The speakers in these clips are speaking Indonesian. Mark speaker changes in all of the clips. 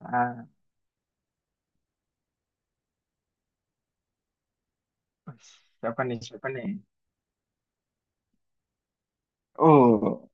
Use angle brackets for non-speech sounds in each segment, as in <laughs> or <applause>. Speaker 1: Ah, us, Siapa nih? Siapa nih? Oh,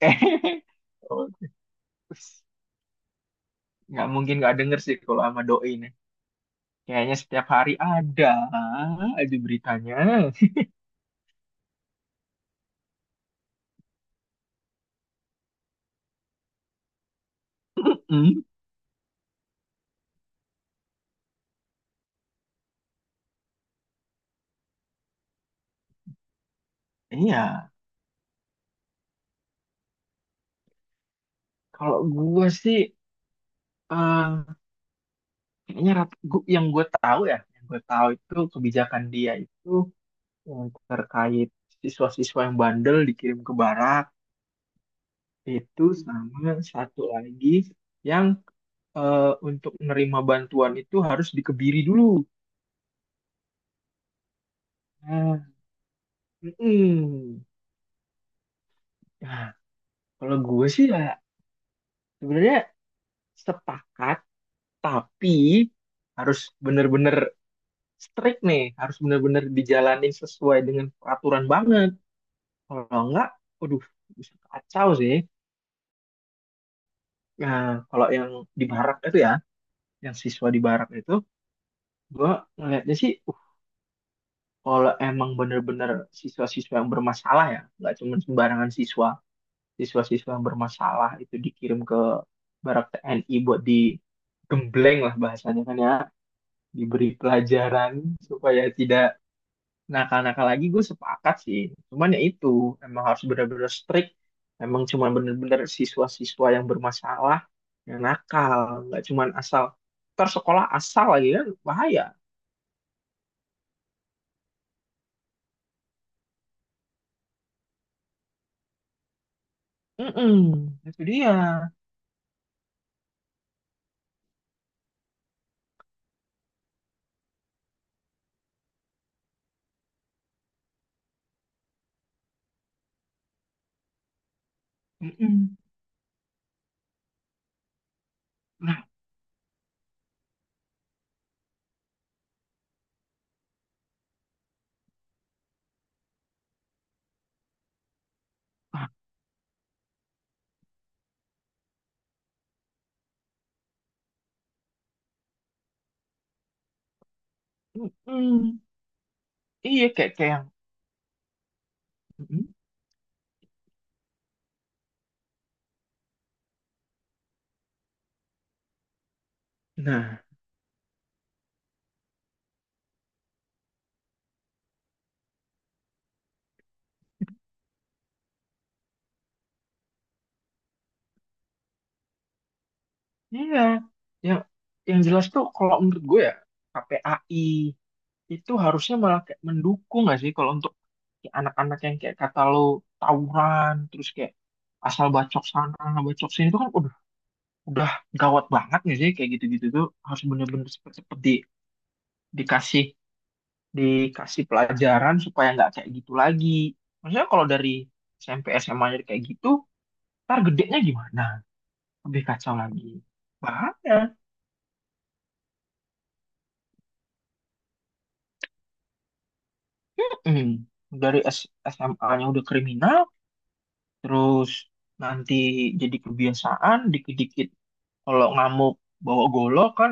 Speaker 1: <laughs> oh, us, nggak mungkin nggak denger sih kalau sama doi nih. Kayaknya setiap hari ada aja beritanya. <laughs> Mm, Iya, kalau gue sih eh, kayaknya yang gue tahu ya, yang gue tahu itu kebijakan dia itu yang terkait siswa-siswa yang bandel dikirim ke barak itu sama satu lagi yang eh, untuk menerima bantuan itu harus dikebiri dulu. Nah, mm-mm. Nah, kalau gue sih ya sebenarnya sepakat, tapi harus bener-bener strict nih, harus bener-bener dijalanin sesuai dengan peraturan banget. Kalau enggak, waduh, bisa kacau sih. Nah, kalau yang di barak itu ya, yang siswa di barak itu, gue ngeliatnya sih, kalau emang bener-bener siswa-siswa yang bermasalah ya, nggak cuma sembarangan siswa siswa-siswa yang bermasalah itu dikirim ke Barak TNI buat digembleng lah bahasanya kan ya, diberi pelajaran supaya tidak nakal-nakal lagi, gue sepakat sih. Cuman ya itu, emang harus benar-benar strict, emang cuma benar-benar siswa-siswa yang bermasalah, yang nakal, nggak cuman asal, ntar sekolah asal lagi kan bahaya. Mm-mm, itu dia. Mm-mm. Nah, ah, mm-mm. Iya kayak kayak yang, mm-mm. Nah, iya, yang yang jelas tuh kalau menurut gue ya, KPAI itu harusnya malah kayak mendukung nggak sih? Kalau untuk kayak anak-anak yang kayak kata lo tawuran terus kayak asal bacok sana bacok sini itu kan udah gawat banget nggak sih? Kayak gitu-gitu tuh harus bener-bener cepet-cepet dikasih dikasih pelajaran supaya nggak kayak gitu lagi. Maksudnya kalau dari SMP SMA kayak gitu, ntar gedenya gimana? Lebih kacau lagi. Bahaya. Hmm, dari SMA-nya udah kriminal, terus nanti jadi kebiasaan, dikit-dikit kalau ngamuk bawa golok kan,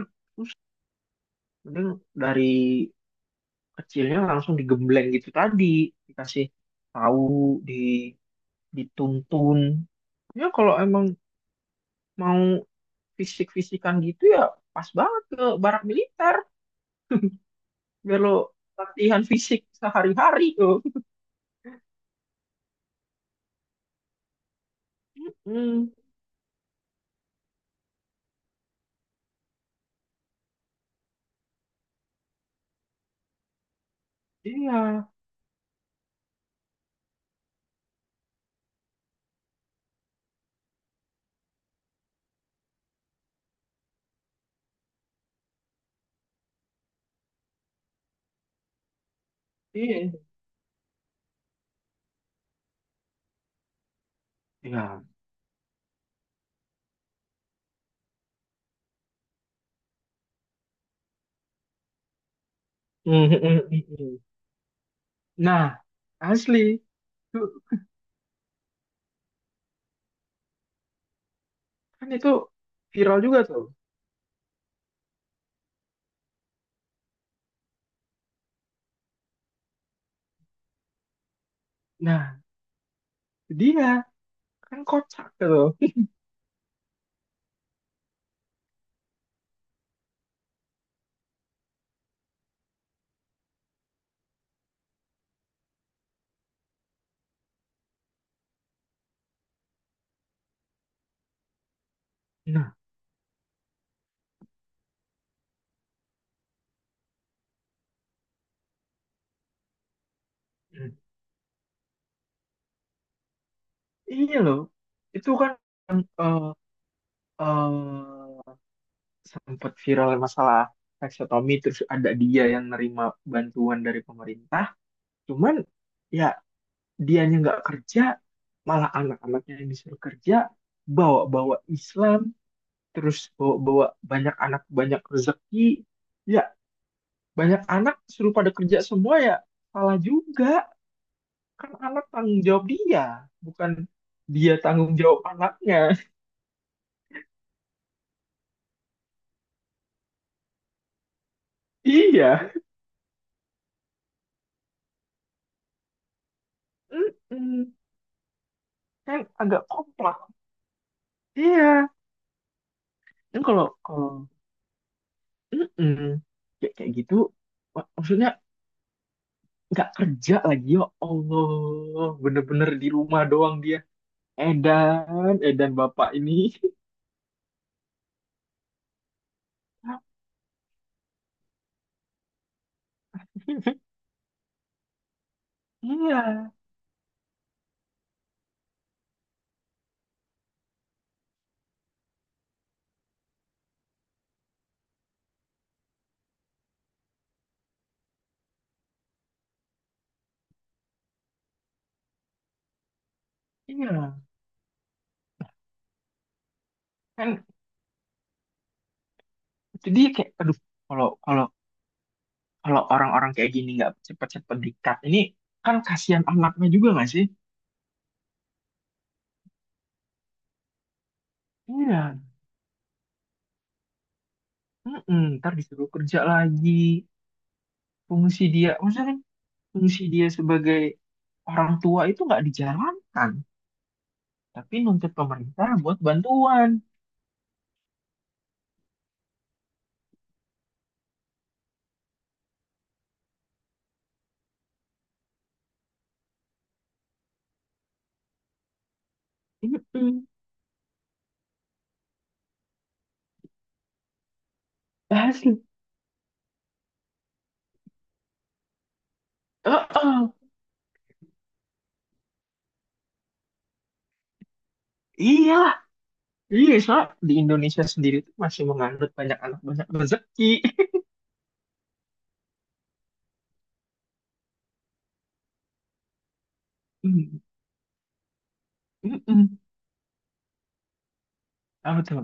Speaker 1: mending dari kecilnya langsung digembleng gitu tadi, dikasih tahu, di dituntun. Ya kalau emang mau fisik-fisikan gitu ya pas banget ke barak militer, biar lo latihan fisik sehari-hari tuh. Hmm, iya, iya, iya. Hmm, hmm, hmm, hmm. Nah, asli. Itu kan itu viral juga tuh. Nah, dia kan kocak tuh. Nah, iya loh. Itu kan eh sempat viral masalah seksotomi terus ada dia yang nerima bantuan dari pemerintah. Cuman ya dianya nggak kerja, malah anak-anaknya yang disuruh kerja, bawa-bawa Islam, terus bawa-bawa banyak anak banyak rezeki. Ya banyak anak suruh pada kerja semua ya salah juga, kan anak tanggung jawab dia, bukan dia tanggung jawab anaknya. <laughs> Iya. Mm-mm. Kan agak kompleks. Iya, kan kalau kalau mm-mm. Ya, kayak gitu maksudnya nggak kerja lagi ya Allah, bener-bener di rumah doang dia, edan edan bapak ini. <laughs> Iya. Iya, kan jadi kayak aduh, kalau kalau kalau orang-orang kayak gini nggak cepet-cepet dikat ini, kan kasihan anaknya juga nggak sih? Iya, mm, ntar disuruh kerja lagi. Fungsi dia maksudnya kan, fungsi dia sebagai orang tua itu nggak dijalankan, tapi nuntut pemerintah buat bantuan. Mm. Asli. Heeh. Iyalah, iya, soalnya di Indonesia sendiri tuh masih menganut banyak anak banyak rezeki. <laughs> Mm-mm. Apa tuh?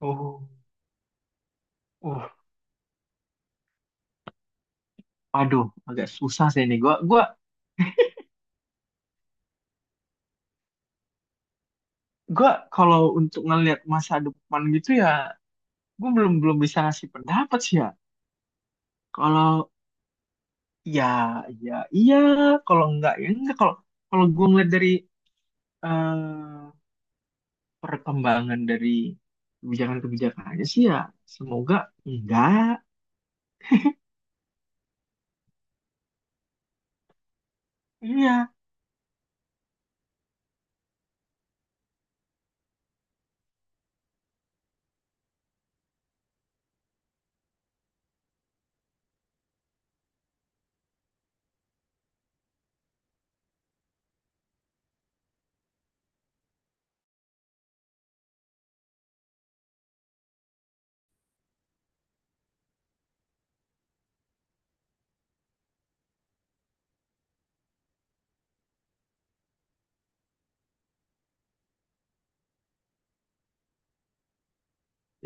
Speaker 1: Oh oh, aduh, agak susah sih ini gua Gue kalau untuk ngelihat masa depan gitu ya, gue belum belum bisa ngasih pendapat sih ya. Kalau ya ya iya, kalau enggak ya enggak. Kalau kalau gue ngeliat dari eh, perkembangan dari kebijakan-kebijakannya sih ya, semoga enggak. Iya,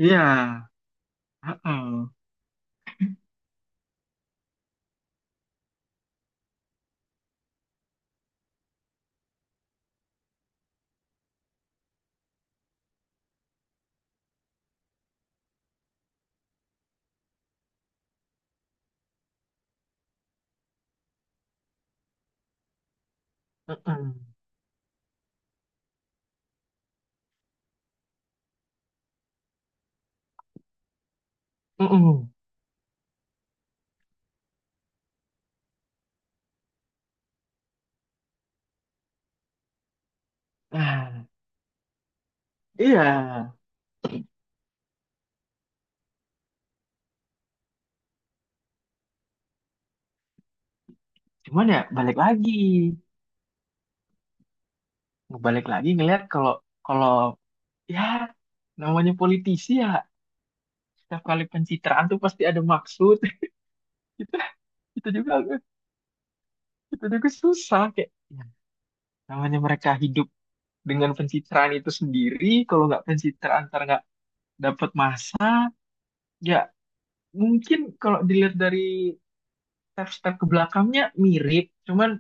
Speaker 1: iya. Heeh. Heeh. Heeh. Ah, iya. Cuman ya balik lagi ngelihat kalau kalau ya namanya politisi ya, setiap kali pencitraan tuh pasti ada maksud. <laughs> kita kita juga kita juga susah kayak ya, namanya mereka hidup dengan pencitraan itu sendiri, kalau nggak pencitraan ntar nggak dapat masa. Ya mungkin kalau dilihat dari step-step ke belakangnya mirip, cuman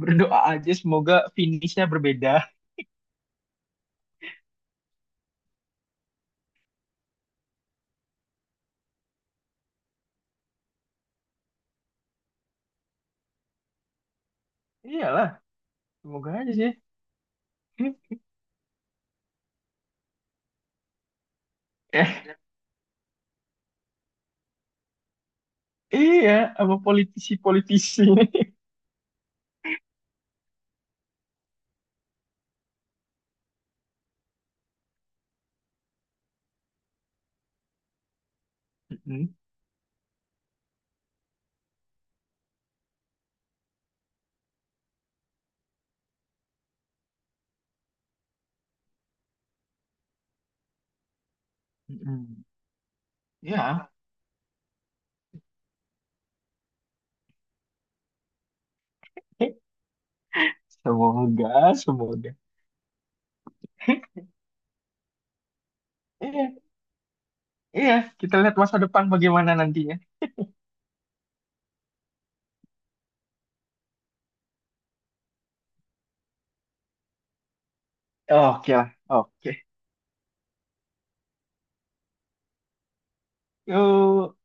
Speaker 1: berdoa aja semoga finishnya berbeda. <laughs> Iyalah, semoga aja sih. <laughs> Eh, iya, sama politisi-politisi. <laughs> Mm-mm. Mm-mm. Ya. <laughs> Semoga, semoga. <laughs> Iya, iya, kita lihat masa depan bagaimana nantinya. Oke lah, oke. Yuk,